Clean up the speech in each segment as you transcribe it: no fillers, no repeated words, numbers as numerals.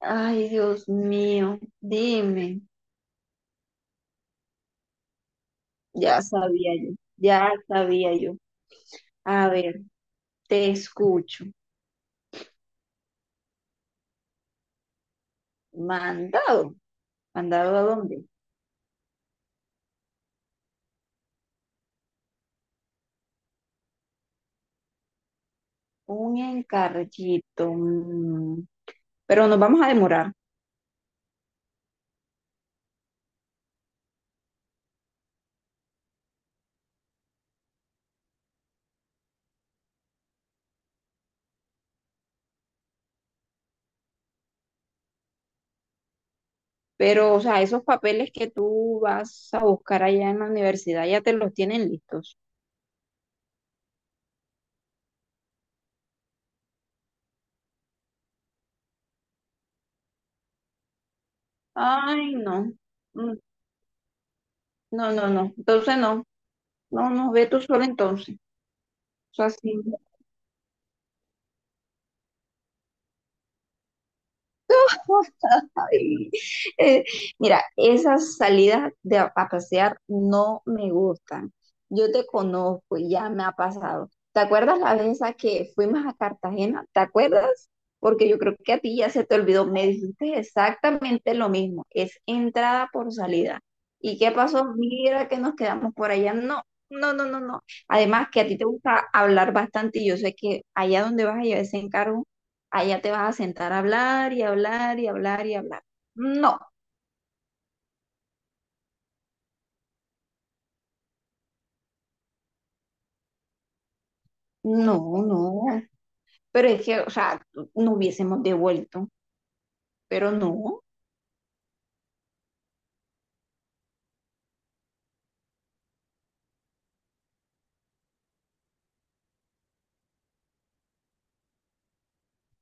Ay, Dios mío, dime. Ya sabía yo, ya sabía yo. A ver, te escucho. Mandado. ¿Mandado a dónde? Un encarguito. Pero nos vamos a demorar. Pero, o sea, esos papeles que tú vas a buscar allá en la universidad ya te los tienen listos. Ay, no. Mm, no, no, no. Entonces no. No, no, ve tú solo entonces. O sea, sí. Ay, eh, mira, esas salidas de a pasear no me gustan. Yo te conozco, y ya me ha pasado. ¿Te acuerdas la vez esa que fuimos a Cartagena? ¿Te acuerdas? Porque yo creo que a ti ya se te olvidó. Me dijiste exactamente lo mismo. Es entrada por salida. ¿Y qué pasó? Mira que nos quedamos por allá. No, no, no, no, no. Además que a ti te gusta hablar bastante y yo sé que allá donde vas a llevar ese encargo, allá te vas a sentar a hablar y hablar y hablar y hablar. No, no, no. Pero es que, o sea, no hubiésemos devuelto, pero no,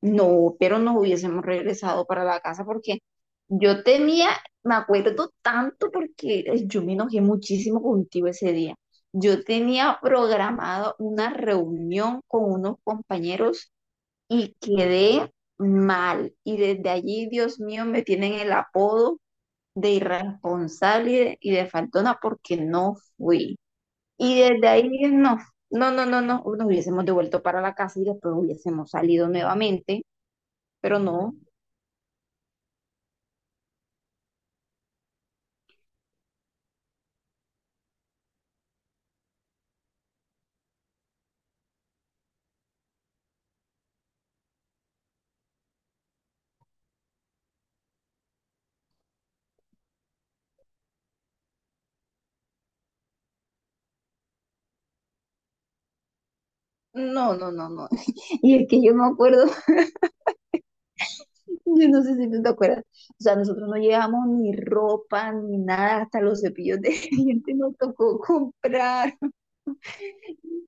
no, pero nos hubiésemos regresado para la casa porque yo temía, me acuerdo tanto porque yo me enojé muchísimo contigo ese día. Yo tenía programado una reunión con unos compañeros y quedé mal. Y desde allí, Dios mío, me tienen el apodo de irresponsable y de faltona porque no fui. Y desde ahí no, no, no, no, no, nos hubiésemos devuelto para la casa y después hubiésemos salido nuevamente, pero no, no, no, no, no. Y es que yo me acuerdo, yo no sé si tú te acuerdas, o sea, nosotros no llevamos ni ropa ni nada, hasta los cepillos de dientes nos tocó comprar.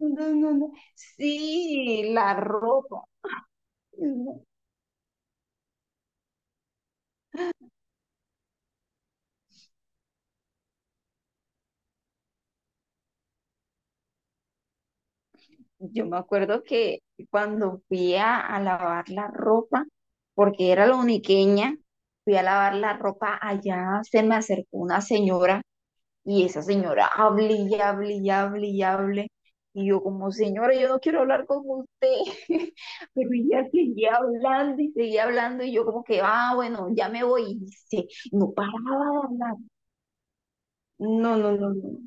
No, no, no. Sí, la ropa. No, yo me acuerdo que cuando fui a lavar la ropa, porque era la uniqueña, fui a lavar la ropa allá, se me acercó una señora y esa señora hable y hable y hable y hable. Y yo como señora, yo no quiero hablar con usted, pero ella seguía hablando y yo como que, ah, bueno, ya me voy. Y dice, no paraba de hablar. No, no, no, no.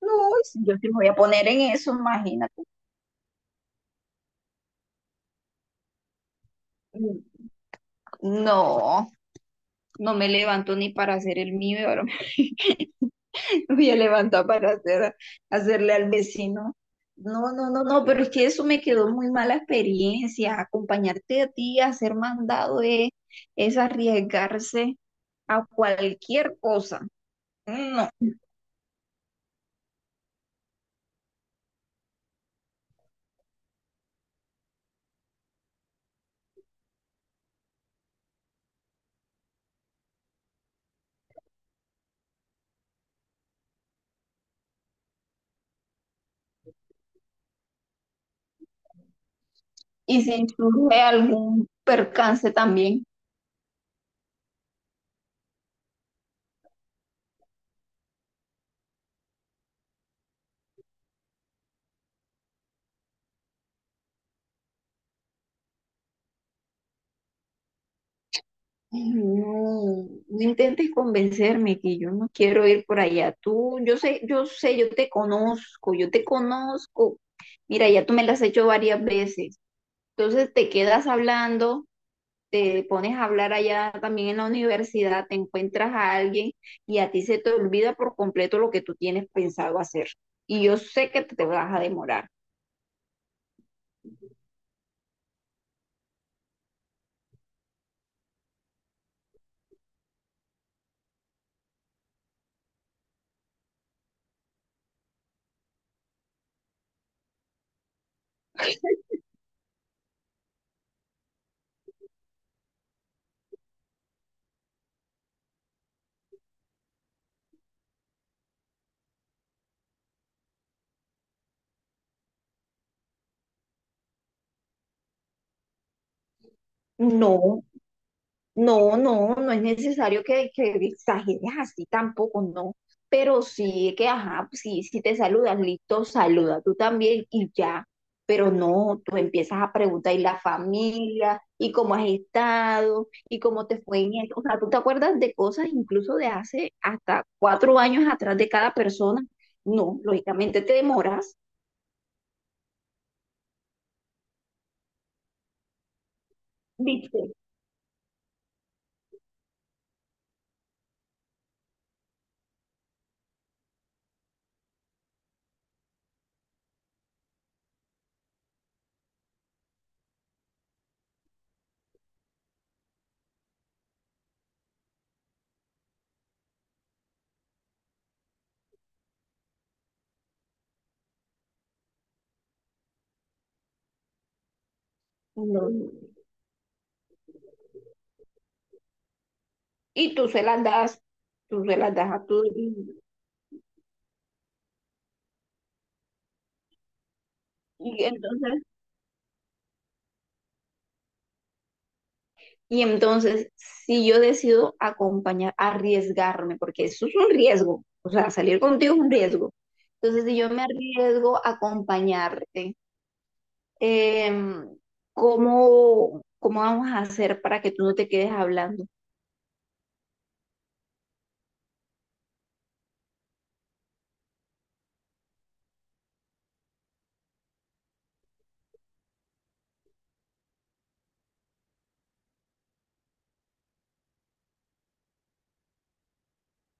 No, yo sí me voy a poner en eso, imagínate. Mm, no. No me levanto ni para hacer el mío, y ahora me me voy a levantar para hacerle al vecino. No, no, no, no, pero es que eso me quedó muy mala experiencia. Acompañarte a ti, a ser mandado es arriesgarse a cualquier cosa. No. Y si surge algún percance también. No, no intentes convencerme que yo no quiero ir por allá. Tú, yo sé, yo sé, yo te conozco, yo te conozco. Mira, ya tú me las has hecho varias veces. Entonces te quedas hablando, te pones a hablar allá también en la universidad, te encuentras a alguien y a ti se te olvida por completo lo que tú tienes pensado hacer. Y yo sé que te vas a demorar. No, no, no, no es necesario que exageres así tampoco, no. Pero sí que, ajá, sí, si te saludas, listo, saluda tú también y ya. Pero no, tú empiezas a preguntar y la familia, y cómo has estado, y cómo te fue en esto. O sea, tú te acuerdas de cosas incluso de hace hasta 4 años atrás de cada persona. No, lógicamente te demoras, ¿viste? No, no. Y tú se las das, tú se las das a tu... Y entonces Y entonces, si yo decido acompañar, arriesgarme, porque eso es un riesgo, o sea, salir contigo es un riesgo. Entonces, si yo me arriesgo a acompañarte, em, ¿cómo, cómo vamos a hacer para que tú no te quedes hablando?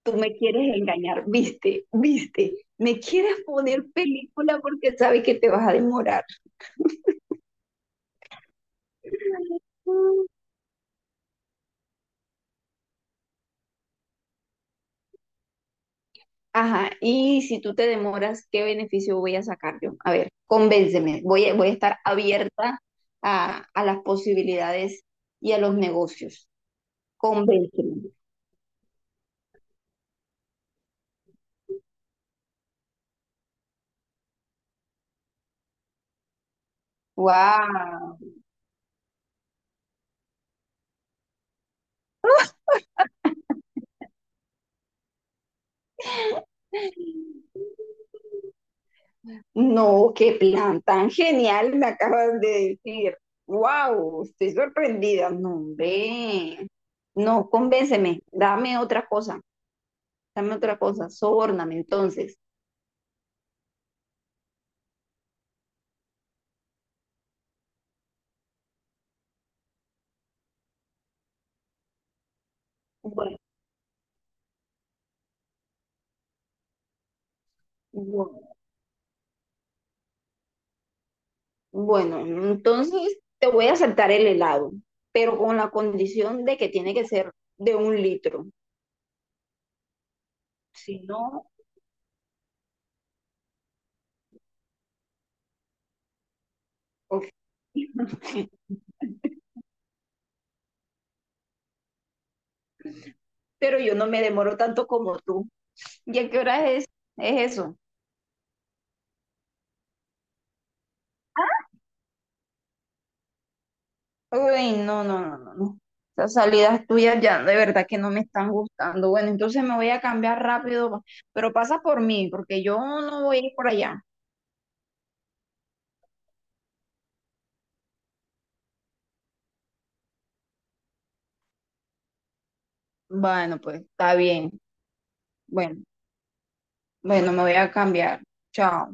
Tú me quieres engañar, viste, viste, me quieres poner película porque sabes que te vas a demorar. Ajá, y si tú te demoras, ¿qué beneficio voy a sacar yo? A ver, convénceme, voy a estar abierta a las posibilidades y a los negocios. Convénceme. ¡Wow! No, qué plan tan genial me acabas de decir. ¡Wow! Estoy sorprendida. No, ve. No, convénceme. Dame otra cosa. Dame otra cosa. Sobórname entonces. Bueno, bueno. Bueno, entonces te voy a saltar el helado, pero con la condición de que tiene que ser de un litro. Si no, ok. Pero yo no me demoro tanto como tú. ¿Y a qué hora es eso? Uy, no, no, no, no, no. Esas salidas tuyas ya de verdad que no me están gustando. Bueno, entonces me voy a cambiar rápido, pero pasa por mí, porque yo no voy a ir por allá. Bueno, pues está bien. Bueno, bueno, me voy a cambiar. Chao.